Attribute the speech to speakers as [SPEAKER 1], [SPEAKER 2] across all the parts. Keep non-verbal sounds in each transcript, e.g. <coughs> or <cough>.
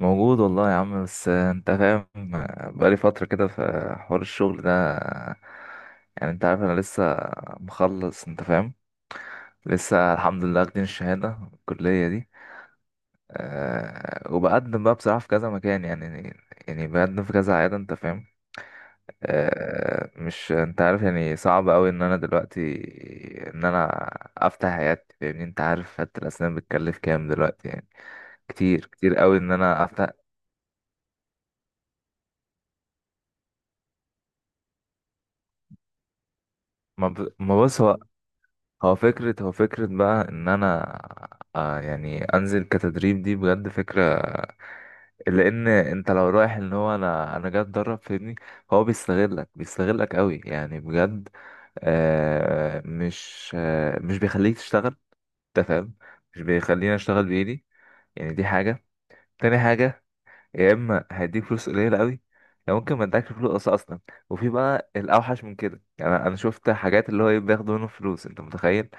[SPEAKER 1] موجود والله يا عم، بس انت فاهم. بقالي فترة كده في حوار الشغل ده. يعني انت عارف انا لسه مخلص، انت فاهم. لسه الحمد لله واخدين الشهادة في الكلية دي. أه، وبقدم بقى بصراحة في كذا مكان، يعني بقدم في كذا عيادة، انت فاهم. أه، مش انت عارف يعني صعب اوي ان انا دلوقتي ان انا افتح عيادتي، فاهمني. انت عارف عيادة الاسنان بتكلف كام دلوقتي يعني. كتير كتير اوي ان انا افتح. ما بص، هو فكرة بقى ان انا، آه، يعني انزل كتدريب، دي بجد فكرة. لان انت لو رايح ان هو، انا جاي اتدرب فاهمني، هو بيستغلك قوي يعني بجد. مش بيخليك تشتغل، انت فاهم. مش بيخليني اشتغل بايدي. يعني دي حاجة. تاني حاجة، يا اما هيديك فلوس قليلة قوي، يا ممكن ما ادكش فلوس اصلا. وفي بقى الاوحش من كده، يعني انا شفت حاجات اللي هو إيه، بياخدوا منهم فلوس، انت متخيل.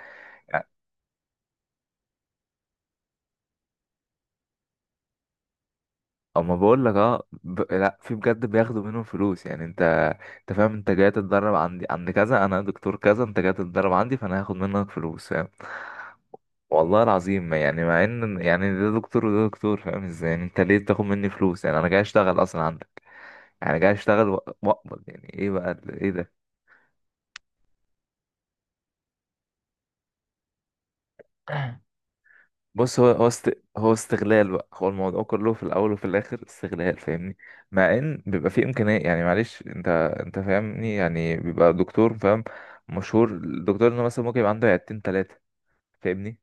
[SPEAKER 1] اما بقول لك اه، لا، في بجد بياخدوا منهم فلوس. يعني انت فاهم، انت جاي تتدرب عندي عند كذا، انا دكتور كذا، انت جاي تتدرب عندي فانا هاخد منك فلوس، فاهم. والله العظيم، ما يعني مع ان يعني ده دكتور وده دكتور، فاهم ازاي يعني، انت ليه بتاخد مني فلوس يعني، انا جاي اشتغل اصلا عندك. يعني جاي اشتغل واقبض. يعني ايه بقى ايه ده. بص هو هو استغلال بقى، هو الموضوع كله في الاول وفي الاخر استغلال، فاهمني. مع ان بيبقى فيه امكانيه، يعني معلش، انت فاهمني، يعني بيبقى دكتور فاهم مشهور، الدكتور انه مثلا ممكن يبقى عنده عيادتين ثلاثه، فاهمني.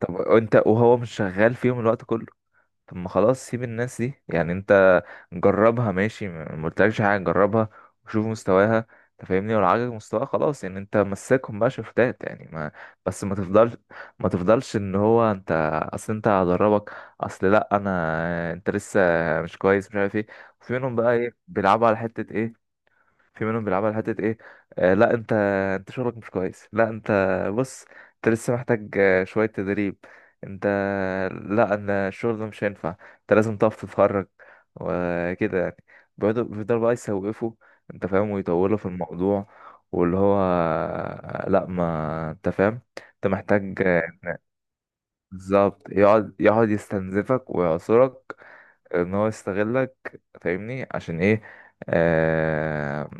[SPEAKER 1] طب انت وهو مش شغال فيهم الوقت كله. طب ما خلاص، سيب الناس دي، يعني انت جربها، ماشي، ما قلتلكش حاجه. جربها وشوف مستواها، انت فاهمني، ولو عجبك مستواها خلاص، يعني انت مسكهم بقى شفتات يعني، ما. بس ما تفضلش، ما تفضلش ان هو انت، اصل انت هدربك، اصل لا، انا انت لسه مش كويس، مش عارف ايه. وفي منهم بقى ايه، بيلعبوا على حته ايه. في منهم بيلعبوا على حتة ايه. لا، انت شغلك مش كويس، لا انت، بص، انت لسه محتاج، شوية تدريب. انت لا، انا الشغل ده مش هينفع، انت لازم تقف تتفرج، وكده يعني. بيفضلوا بقى يسوقفوا، انت فاهم، ويطولوا في الموضوع. واللي هو لا، ما انت فاهم، انت محتاج، بالظبط. يقعد يستنزفك ويعصرك، ان هو يستغلك، فاهمني. عشان ايه؟ آه،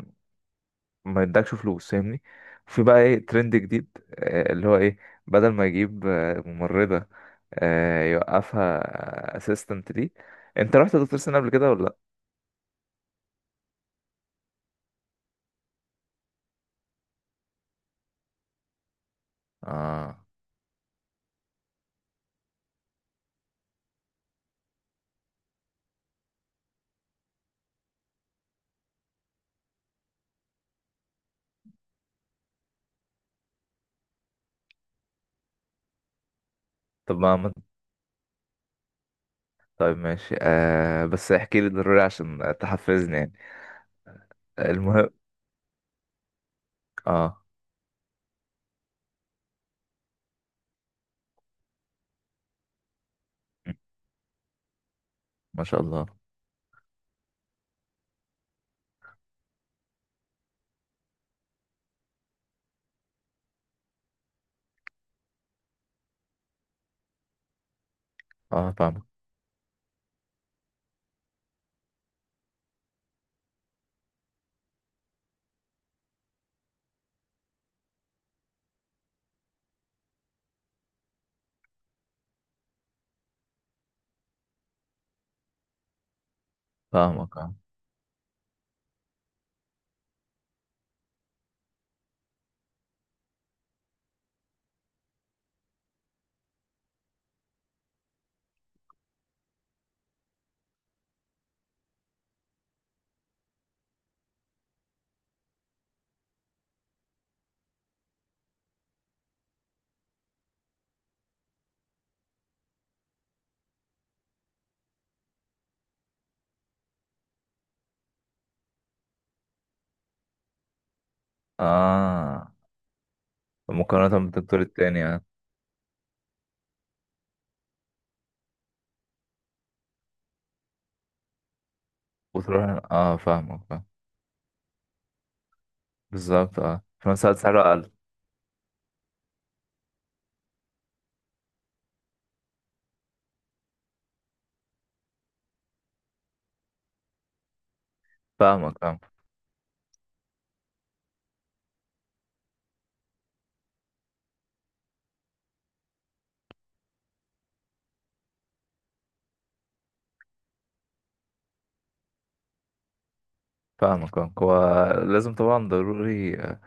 [SPEAKER 1] ما يدكش فلوس، فاهمني. في بقى ايه ترند جديد، اللي هو ايه، بدل ما يجيب ممرضة، يوقفها اسيستنت ليه. انت رحت دكتور سنان قبل كده ولا لا؟ اه. طب طيب ماشي، آه، بس احكي لي ضروري عشان تحفزني يعني. المهم. اه. م،. ما شاء الله. اه، فاهمك فاهمك. اه اه. مقارنة بالدكتور التاني يعني. وتروح. اه، فاهمك فاهم. بالظبط، اه، في نفس الوقت سعره اقل. فاهمك فاهمك. فاهمك فاهمك. هو لازم طبعا، ضروري،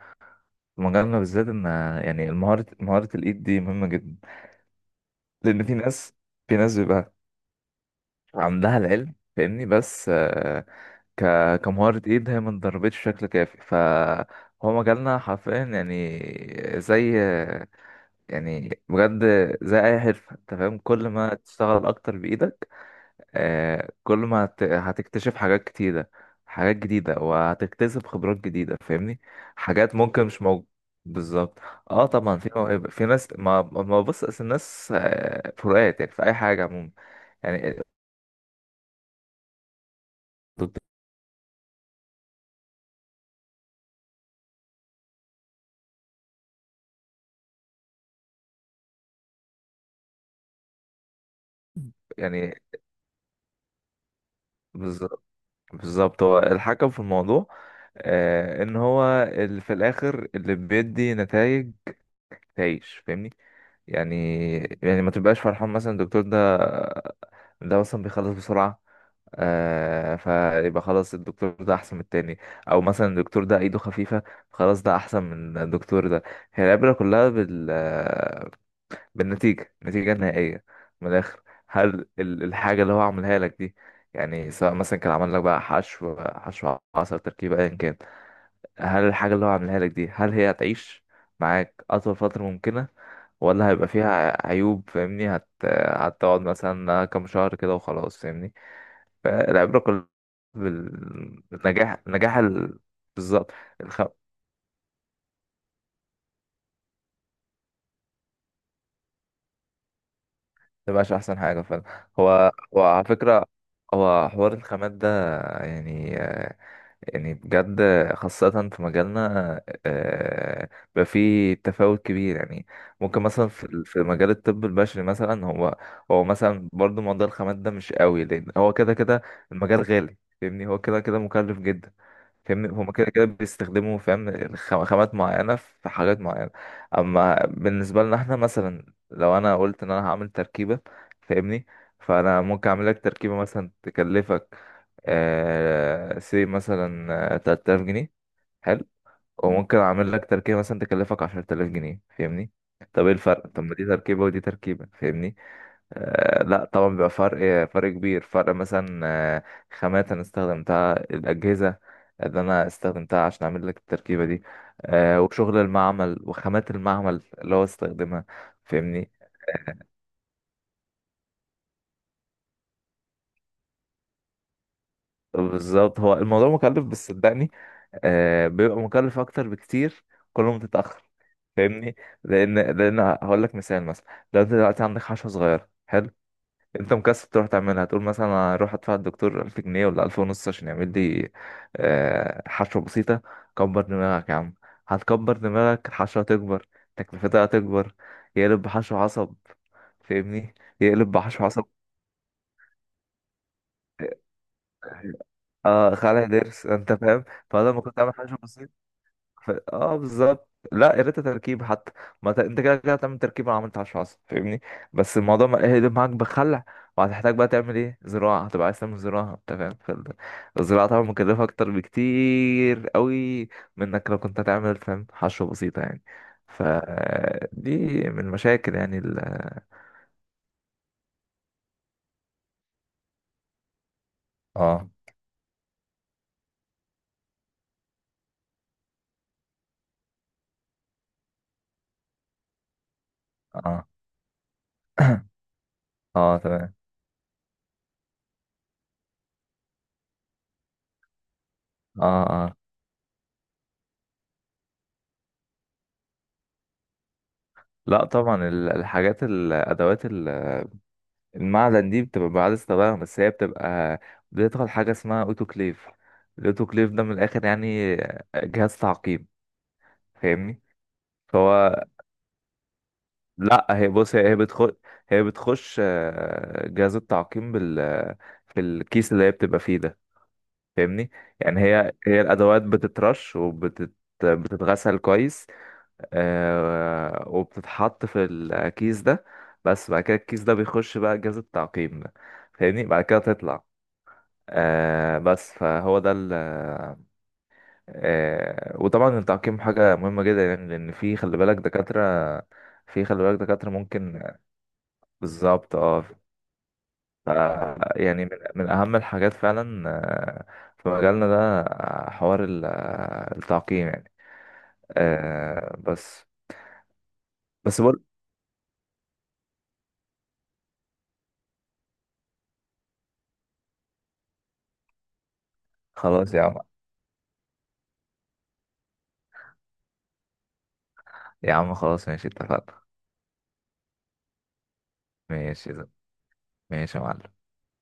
[SPEAKER 1] في مجالنا بالذات، ان يعني المهارة، مهارة الايد دي مهمة جدا. لان في ناس، في ناس بيبقى عندها العلم، فاهمني، بس آه، ك كمهارة ايد هي ما اتدربتش بشكل كافي. فهو مجالنا حرفيا يعني، زي يعني بجد، زي اي حرفة، انت فاهم، كل ما تشتغل اكتر بايدك، كل ما هتكتشف حاجات كتيرة، حاجات جديدة، وهتكتسب خبرات جديدة، فاهمني. حاجات ممكن مش موجودة. بالظبط. اه، طبعا في مواهب، في ناس، ما ما بص أصل الناس فروقات يعني، في اي حاجة عموما يعني. ضد- يعني، بالظبط، بالظبط. هو الحكم في الموضوع، ان هو اللي في الاخر اللي بيدي نتائج تعيش، فاهمني. يعني، يعني ما تبقاش فرحان مثلا الدكتور ده، ده مثلا بيخلص بسرعة، آه، فيبقى خلاص الدكتور ده احسن من التاني، او مثلا الدكتور ده ايده خفيفة، خلاص ده احسن من الدكتور ده. هي العبرة كلها بالنتيجة، النتيجة النهائية، من الاخر. هل الحاجة اللي هو عملها لك دي، يعني سواء مثلا كان عمل لك بقى حشو، حشو عصب، تركيب، ايا كان، هل الحاجة اللي هو عملها لك دي هل هي هتعيش معاك اطول فترة ممكنة، ولا هيبقى فيها عيوب، فاهمني. هتقعد مثلا كام شهر كده وخلاص، فاهمني. فالعبرة كلها بالنجاح، بالظبط. الخم مبقاش أحسن حاجة فعلا. هو هو على فكرة، هو حوار الخامات ده يعني، يعني بجد، خاصة في مجالنا، آه، بقى فيه تفاوت كبير يعني. ممكن مثلا في مجال الطب البشري مثلا، هو، هو مثلا برضه موضوع الخامات ده مش قوي، لأن هو كده كده المجال غالي، فاهمني، هو كده كده مكلف جدا، فاهمني. هما كده كده بيستخدموا فاهم، خامات معينة في حاجات معينة. أما بالنسبة لنا احنا، مثلا لو أنا قلت إن أنا هعمل تركيبة، فاهمني، فأنا ممكن أعمل لك تركيبة مثلا تكلفك آه سي مثلا 3000 جنيه، حلو، وممكن أعمل لك تركيبة مثلا تكلفك 10000 جنيه، فاهمني. طب ايه الفرق؟ طب ما دي تركيبة ودي تركيبة، فاهمني. آه لا طبعا بيبقى فرق فرق كبير، فرق مثلا خامات انا استخدمتها، الاجهزه اللي انا استخدمتها عشان اعمل لك التركيبه دي، آه، وشغل المعمل، وخامات المعمل اللي هو استخدمها، فاهمني. بالظبط، هو الموضوع مكلف، بس صدقني آه، بيبقى مكلف اكتر بكتير كل ما تتاخر، فاهمني. لان هقول لك مثال، مثلا لو انت دلوقتي عندك حشوه صغيره، حلو، انت مكسب تروح تعملها، تقول مثلا انا هروح ادفع الدكتور 1000 جنيه ولا 1000 ونص، عشان يعمل لي حشوه بسيطه. كبر دماغك يا عم، هتكبر دماغك، الحشوه هتكبر، تكلفتها هتكبر، يقلب بحشو عصب، فاهمني، يقلب بحشو عصب آه خلع ضرس، انت فاهم. فبدل ما كنت عامل حشو بسيط، اه بالظبط، لا يا ريت تركيب حتى. ما ت... انت كده كده هتعمل تركيب، انا عملت 10 10، فاهمني. بس الموضوع ما ايه ده معاك بخلع، وهتحتاج بقى تعمل ايه، زراعه، هتبقى عايز تعمل زراعه، انت فاهم. الزراعه طبعا مكلفه اكتر بكتير قوي من انك لو كنت هتعمل فاهم حشوه بسيطه يعني. ف دي من المشاكل يعني اه اه. <coughs> اه تمام. اه اه. لا طبعا، الحاجات، الادوات المعدن دي بتبقى بعد استخدامها، بس هي بتبقى بتدخل حاجة اسمها اوتوكليف. الاوتوكليف ده من الآخر يعني جهاز تعقيم، فاهمني. فهو، لا هي بص، هي بتخش، هي بتخش جهاز التعقيم في الكيس اللي هي بتبقى فيه ده، فاهمني. يعني هي الأدوات بتترش بتتغسل كويس، وبتتحط في الكيس ده. بس بعد كده الكيس ده بيخش بقى جهاز التعقيم ده، فاهمني، بعد كده تطلع، آه. بس فهو ده ال آه وطبعا التعقيم حاجة مهمة جدا يعني، لأن في خلي بالك دكاترة، في خلي بالك دكاترة ممكن. بالظبط اه، يعني من، من أهم الحاجات فعلا، في مجالنا ده، آه، حوار ال- آه، التعقيم يعني. آه بس، بس بقول. خلاص يا عم. يا عم خلاص ماشي، اتفقنا. ماشي. ماشي يا معلم.